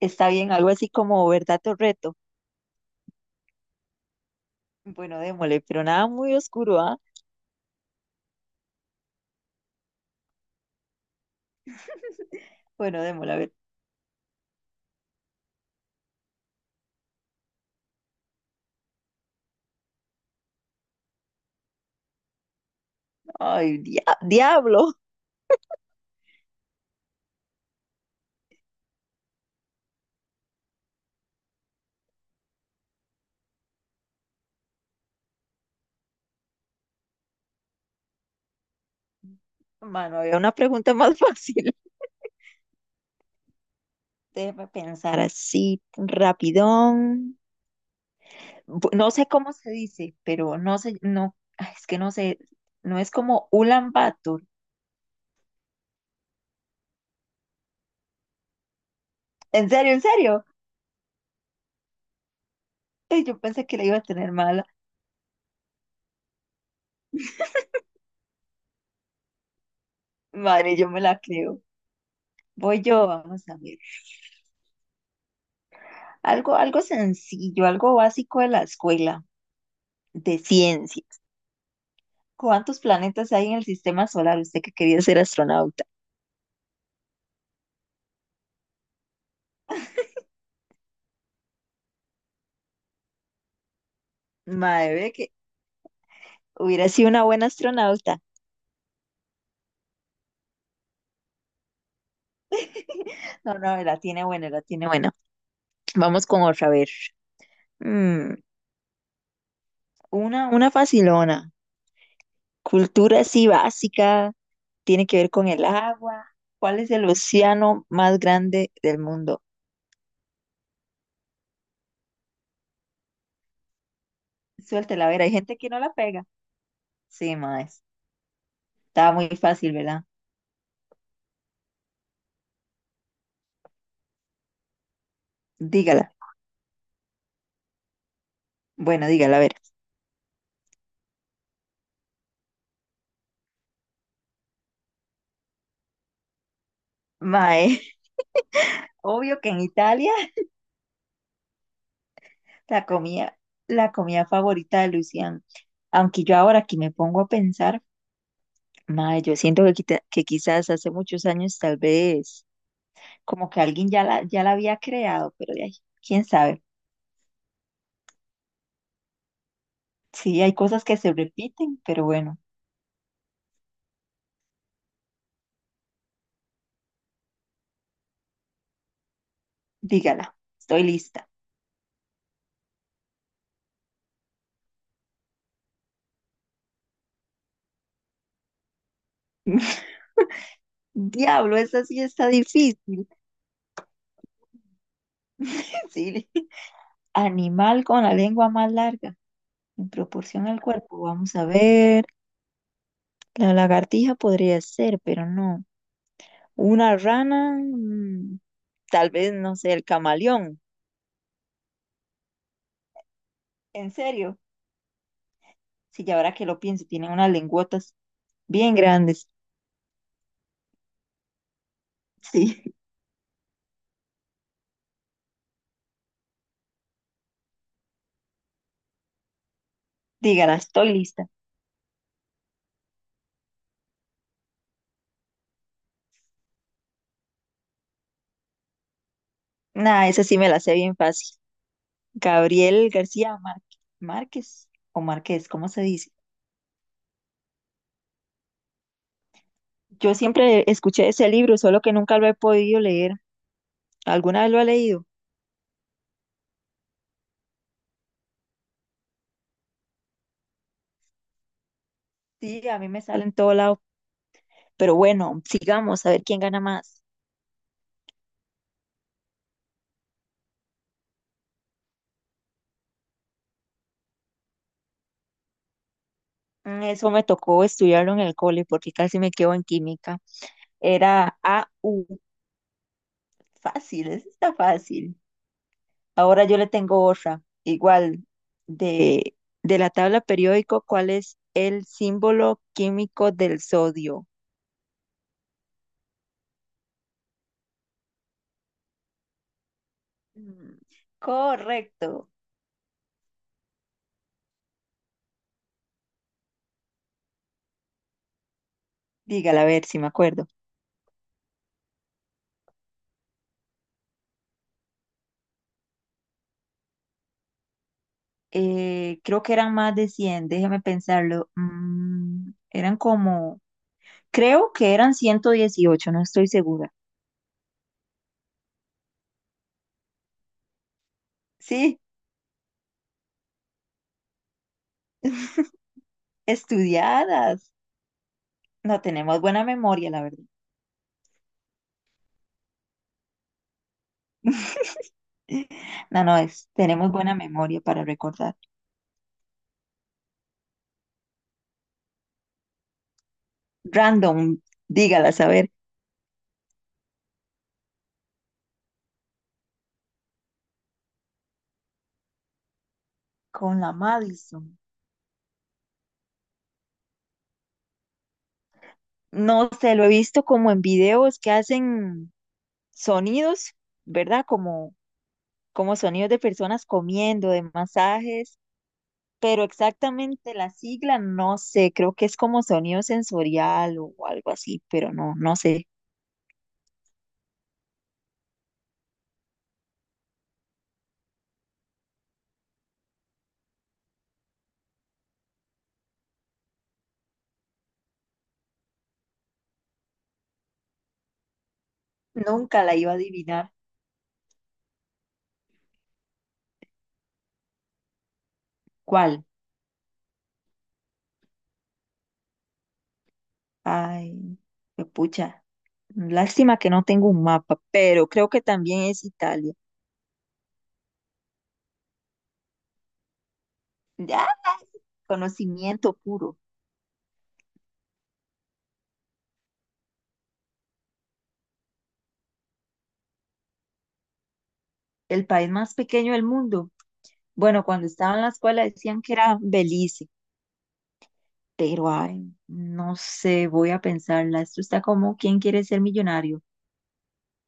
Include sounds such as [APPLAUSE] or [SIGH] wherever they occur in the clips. Está bien, algo así como verdad o reto. Bueno, démosle, pero nada muy oscuro, ¿ah? Bueno, démosle, a ver. Ay, diablo. Mano, había una pregunta más fácil. [LAUGHS] Déjame pensar así, rapidón. No sé cómo se dice, pero no sé, no, ay, es que no sé, no es como Ulan Bator. ¿En serio, en serio? Ay, yo pensé que la iba a tener mala. Madre, yo me la creo. Voy yo, vamos a ver. Algo sencillo, algo básico de la escuela, de ciencia. ¿Cuántos planetas hay en el sistema solar? Usted que quería ser astronauta. Madre, ve que hubiera sido una buena astronauta. [LAUGHS] No, no, la tiene buena, la tiene buena. Vamos con otra, a ver. Mm, una facilona. Cultura así básica, tiene que ver con el agua. ¿Cuál es el océano más grande del mundo? Suéltela, a ver, hay gente que no la pega. Sí, mae. Estaba muy fácil, ¿verdad? Dígala. Bueno, dígala, a ver. Mae, [LAUGHS] obvio que en Italia. La comida, la comida favorita de Lucián. Aunque yo ahora que me pongo a pensar, mae, yo siento que, que quizás hace muchos años tal vez como que alguien ya la había creado, pero de ahí, quién sabe. Sí, hay cosas que se repiten, pero bueno, dígala, estoy lista. [LAUGHS] Diablo, esa sí está difícil. [LAUGHS] Sí. Animal con la lengua más larga, en proporción al cuerpo. Vamos a ver. La lagartija podría ser, pero no. Una rana. Tal vez, no sé, el camaleón. En serio, si ya ahora que lo pienso, tienen unas lenguotas bien grandes. Sí, [LAUGHS] dígala, estoy lista. Nah, esa sí me la sé bien fácil. Gabriel García Márquez, Márquez o Márquez, ¿cómo se dice? Yo siempre escuché ese libro, solo que nunca lo he podido leer. ¿Alguna vez lo ha leído? Sí, a mí me sale en todo lado. Pero bueno, sigamos a ver quién gana más. Eso me tocó estudiarlo en el cole porque casi me quedo en química. Era A U. Fácil, eso está fácil. Ahora yo le tengo otra. Igual, de, de la tabla periódico, ¿cuál es el símbolo químico del sodio? Mm, correcto. Dígala, a ver si me acuerdo. Creo que eran más de 100, déjeme pensarlo. Eran como, creo que eran 118, no estoy segura. Sí, [LAUGHS] estudiadas. No tenemos buena memoria, la verdad. [LAUGHS] No, no, tenemos buena memoria para recordar. Random, dígala, a ver. Con la Madison. No sé, lo he visto como en videos que hacen sonidos, ¿verdad? Como, como sonidos de personas comiendo, de masajes, pero exactamente la sigla no sé, creo que es como sonido sensorial o algo así, pero no, no sé. Nunca la iba a adivinar cuál. Ay, qué pucha. Lástima que no tengo un mapa, pero creo que también es Italia. Ya, conocimiento puro. El país más pequeño del mundo. Bueno, cuando estaba en la escuela decían que era Belice, pero ay, no sé, voy a pensarla. Esto está como ¿Quién quiere ser millonario?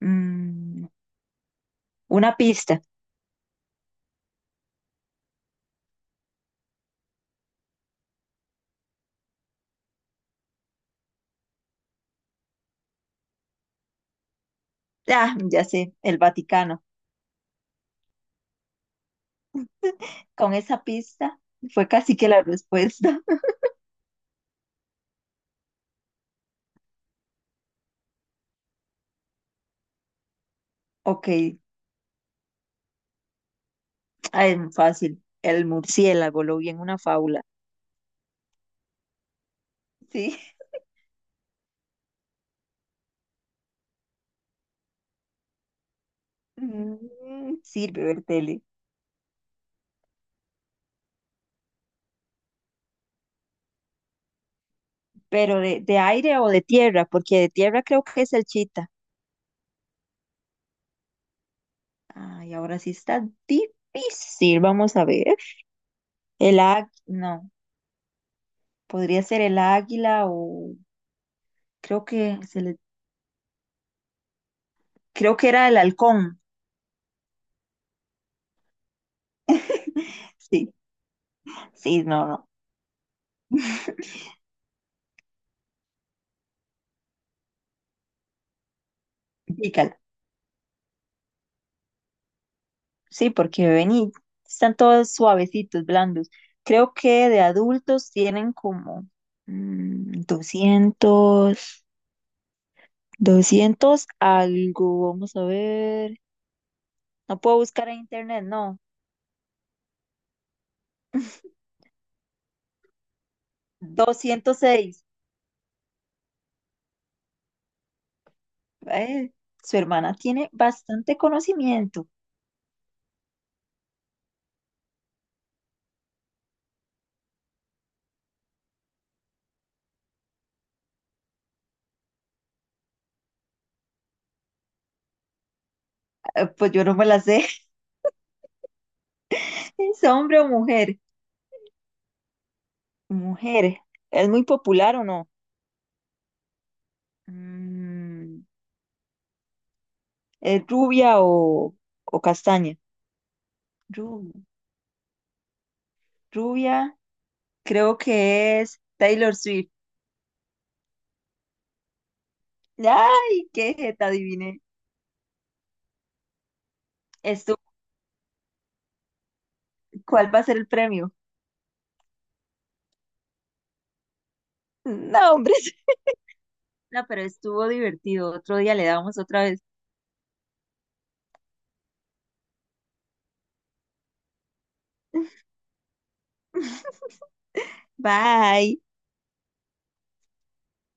Mm, una pista. Ah, ya sé, el Vaticano. Con esa pista fue casi que la respuesta. [LAUGHS] Ok, ay, no, fácil. El murciélago, lo vi en una fábula. Sí. [LAUGHS] Sirve ver tele. Pero de aire o de tierra, porque de tierra creo que es el chita. Ay, ahora sí está difícil. Vamos a ver. El águila, no, podría ser el águila o creo que se le, creo que era el halcón. Sí, sí, no, no. Dígalo. Sí, porque vení, están todos suavecitos, blandos. Creo que de adultos tienen como mm, 200 200 algo. Vamos a ver. No puedo buscar en internet, no. [LAUGHS] 206. Eh, su hermana tiene bastante conocimiento. Pues yo no me la sé. [LAUGHS] ¿Es hombre o mujer? Mujer. ¿Es muy popular o no? Mm, ¿es rubia o castaña? Ru- Rubia, creo que es Taylor Swift. ¡Ay, qué jeta, adiviné! Estu- ¿Cuál va a ser el premio? No, hombre. [LAUGHS] No, pero estuvo divertido. Otro día le damos otra vez. [LAUGHS] Bye.